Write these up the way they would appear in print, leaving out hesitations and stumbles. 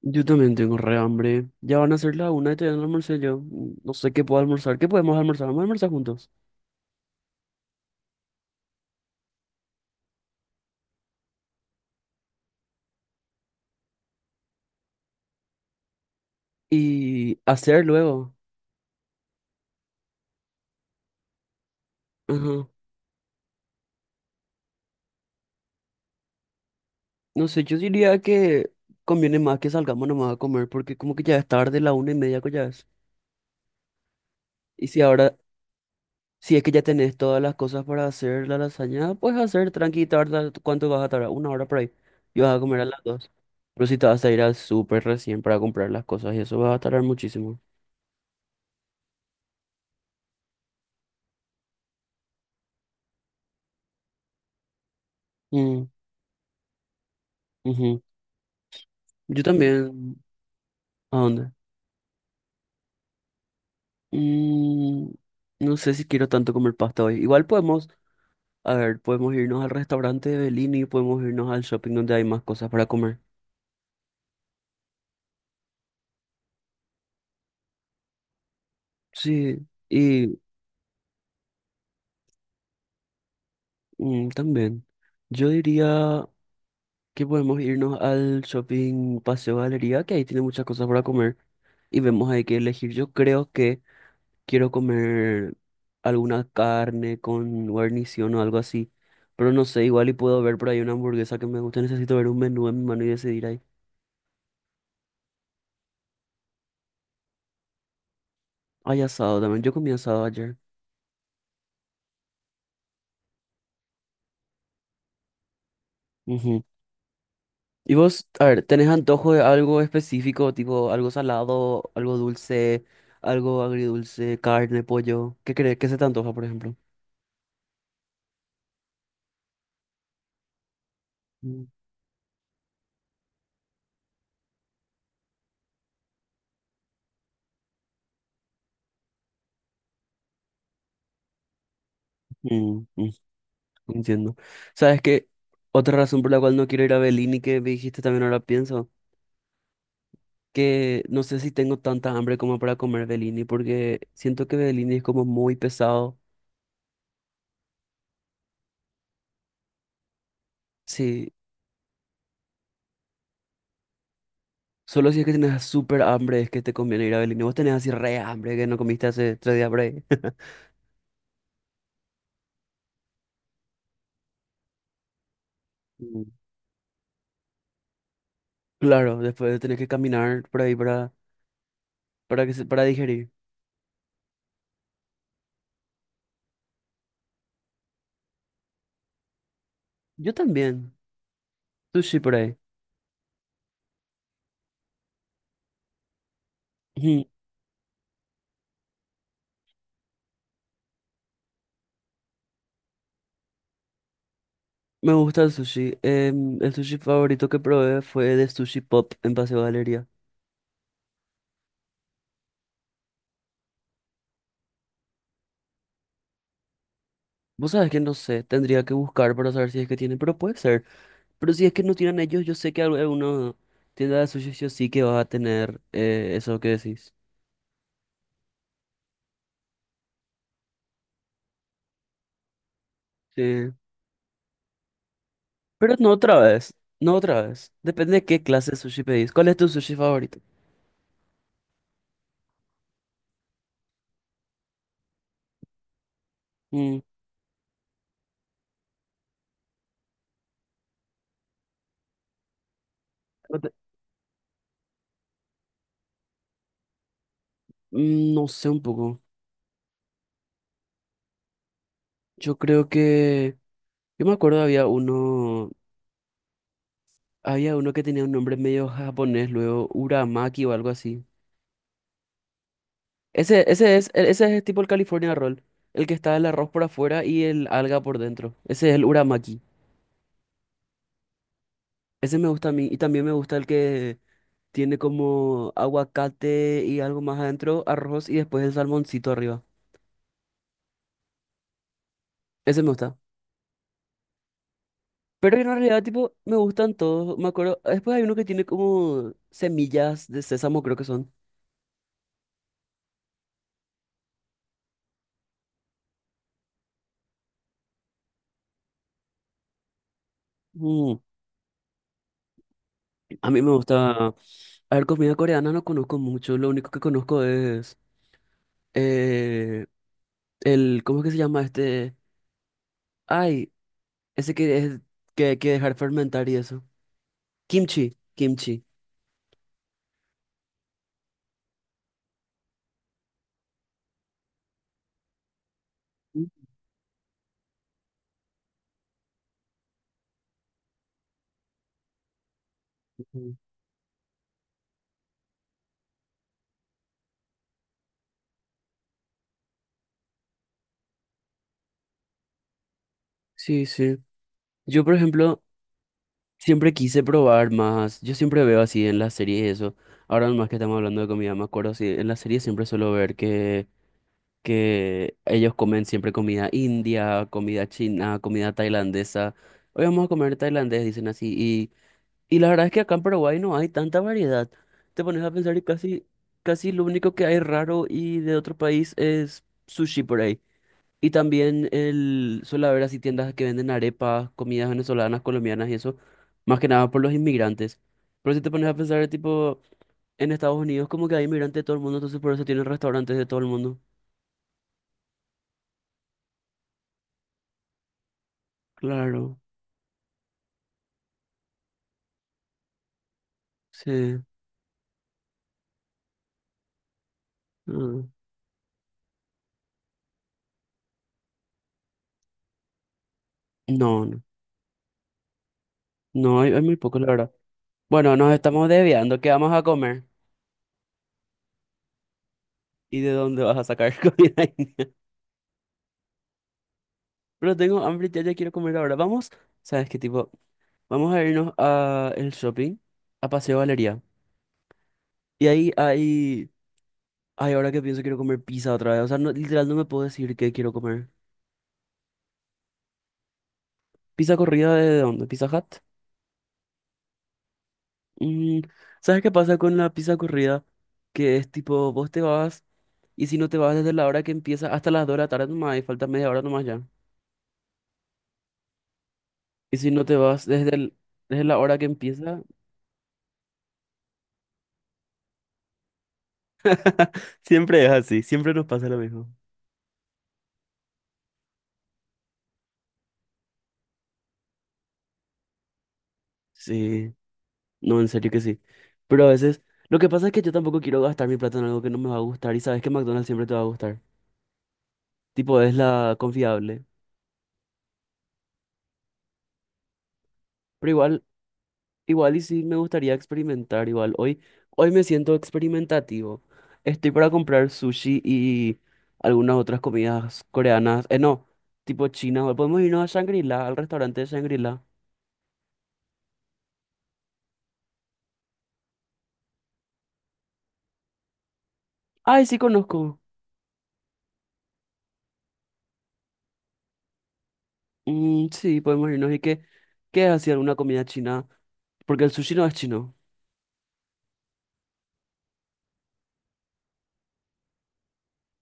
Yo también tengo re hambre. Ya van a ser la una y todavía no almorcé yo. No sé qué puedo almorzar. ¿Qué podemos almorzar? Vamos a almorzar juntos. Y hacer luego. Ajá. No sé, yo diría que conviene más que salgamos nomás a comer porque como que ya es tarde, la una y media que ya es. Y si ahora, si es que ya tenés todas las cosas para hacer la lasaña, pues hacer tranqui, tarda, ¿cuánto vas a tardar? Una hora por ahí. Y vas a comer a las dos. Pero si te vas a ir al súper recién para comprar las cosas y eso va a tardar muchísimo. Mm, ujú. Yo también. ¿A dónde? Mm, no sé si quiero tanto comer pasta hoy. Igual podemos, a ver, podemos irnos al restaurante de Bellini, podemos irnos al shopping donde hay más cosas para comer. Sí, y mm, también. Yo diría que podemos irnos al shopping Paseo Galería, que ahí tiene muchas cosas para comer y vemos ahí que elegir. Yo creo que quiero comer alguna carne con guarnición o algo así, pero no sé, igual y puedo ver por ahí una hamburguesa que me gusta. Necesito ver un menú en mi mano y decidir ahí. Hay asado también. Yo comí asado ayer. Ujú. ¿Y vos, a ver, tenés antojo de algo específico, tipo algo salado, algo dulce, algo agridulce, carne, pollo? ¿Qué crees? ¿Qué se te antoja, por ejemplo? Mm, mm, mm, entiendo. ¿Sabes qué? Otra razón por la cual no quiero ir a Bellini, que me dijiste también ahora pienso, que no sé si tengo tanta hambre como para comer Bellini, porque siento que Bellini es como muy pesado. Sí, solo si es que tenés súper hambre es que te conviene ir a Belén. Y vos tenés así re hambre que no comiste hace tres días por ahí. Mm. Claro, después tenés que caminar por ahí para, para digerir. Yo también. Sushi por ahí. Ujú. Me gusta el sushi. El sushi favorito que probé fue de Sushi Pop en Paseo Galería. Vos sabés que no sé, tendría que buscar para saber si es que tienen, pero puede ser. Pero si es que no tienen ellos, yo sé que alguna tienda de sushi sí o sí que va a tener eso que decís. Sí. Pero no otra vez, no otra vez. Depende de qué clase de sushi pedís. ¿Cuál es tu sushi favorito? Mm, no te- no sé un poco. Yo creo que... Yo me acuerdo había uno... Había uno que tenía un nombre medio japonés, luego Uramaki o algo así. Ese es, ese es tipo el California Roll. El que está el arroz por afuera y el alga por dentro. Ese es el Uramaki. Ese me gusta a mí. Y también me gusta el que tiene como aguacate y algo más adentro, arroz y después el salmoncito arriba. Ese me gusta. Pero en realidad, tipo, me gustan todos. Me acuerdo, después hay uno que tiene como semillas de sésamo, creo que son. Mm, A mí me gusta. A ver, comida coreana no conozco mucho. Lo único que conozco es eh, el, ¿cómo es que se llama este? Ay, ese que es que hay que dejar fermentar y eso. Kimchi, kimchi. Ujú. Sí, sí. Yo, por ejemplo, siempre quise probar más. Yo siempre veo así en las series eso. Ahora más que estamos hablando de comida, me acuerdo así, en las series siempre suelo ver que ellos comen siempre comida india, comida china, comida tailandesa. Hoy vamos a comer tailandés, dicen así. Y la verdad es que acá en Paraguay no hay tanta variedad. Te pones a pensar y casi, casi lo único que hay raro y de otro país es sushi por ahí. Y también el, suele haber así tiendas que venden arepas, comidas venezolanas, colombianas y eso, más que nada por los inmigrantes. Pero si te pones a pensar, tipo, en Estados Unidos como que hay inmigrantes de todo el mundo, entonces por eso tienen restaurantes de todo el mundo. Claro. Sí. Mm. No, no, no, hay muy poco, la verdad. Bueno, nos estamos desviando. ¿Qué vamos a comer? ¿Y de dónde vas a sacar comida india? Pero tengo hambre, ya, ya quiero comer ahora. Vamos, ¿sabes qué tipo? Vamos a irnos a el shopping, a Paseo Galería. Y ahí, ahí, ay, ahora que pienso, quiero comer pizza otra vez. O sea, no, literal, no me puedo decir qué quiero comer. ¿Pizza corrida de dónde? ¿Pizza Hut? Mm, ¿Sabes qué pasa con la pizza corrida? Que es tipo, vos te vas. Y si no te vas desde la hora que empieza hasta las 2 de la tarde nomás, y falta media hora nomás ya. Y si no te vas desde la hora que empieza, siempre es así, siempre nos pasa lo mismo. Sí, no, en serio que sí. Pero a veces, lo que pasa es que yo tampoco quiero gastar mi plata en algo que no me va a gustar y sabes que McDonald's siempre te va a gustar. Tipo, es la confiable. Pero igual Igual y sí me gustaría experimentar igual. Hoy, hoy me siento experimentativo. Estoy para comprar sushi y algunas otras comidas coreanas. No, tipo china. O podemos irnos a Shangri-La, al restaurante de Shangri-La. Ay, sí conozco. Mm, sí, podemos irnos. ¿Y qué, qué es así alguna comida china? Porque el sushi no es chino.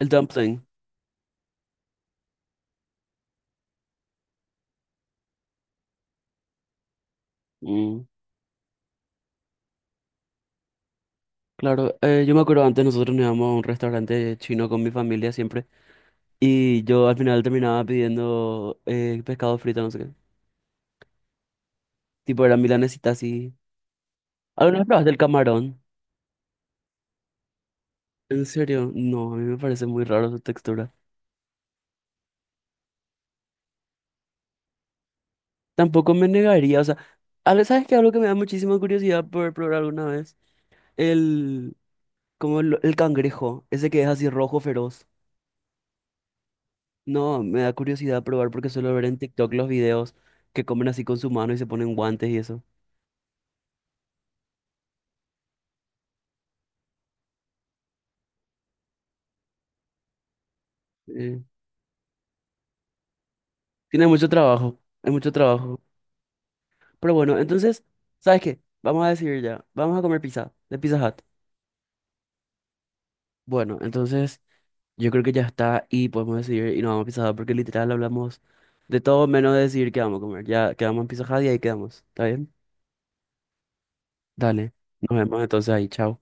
El dumpling. Mm, claro, yo me acuerdo antes nosotros nos íbamos a un restaurante chino con mi familia siempre. Y yo al final terminaba pidiendo pescado frito, no sé qué. Tipo, era milanesita así. ¿Alguna vez probaste el camarón? ¿En serio? No, a mí me parece muy raro su textura. Tampoco me negaría, o sea, ¿sabes qué? Algo que me da muchísima curiosidad por probar alguna vez. El, como el cangrejo, ese que es así rojo feroz. No, me da curiosidad probar porque suelo ver en TikTok los videos que comen así con su mano y se ponen guantes y eso. Eh, tiene mucho trabajo, hay mucho trabajo. Pero bueno, entonces, ¿sabes qué? Vamos a decidir ya, vamos a comer pizza, de Pizza Hut. Bueno, entonces... Yo creo que ya está y podemos decidir y nos vamos a Pizza Hut porque literal hablamos de todo menos de decidir qué vamos a comer. Ya quedamos en Pizza Hut y ahí quedamos. ¿Está bien? Dale. Nos vemos entonces ahí. Chao.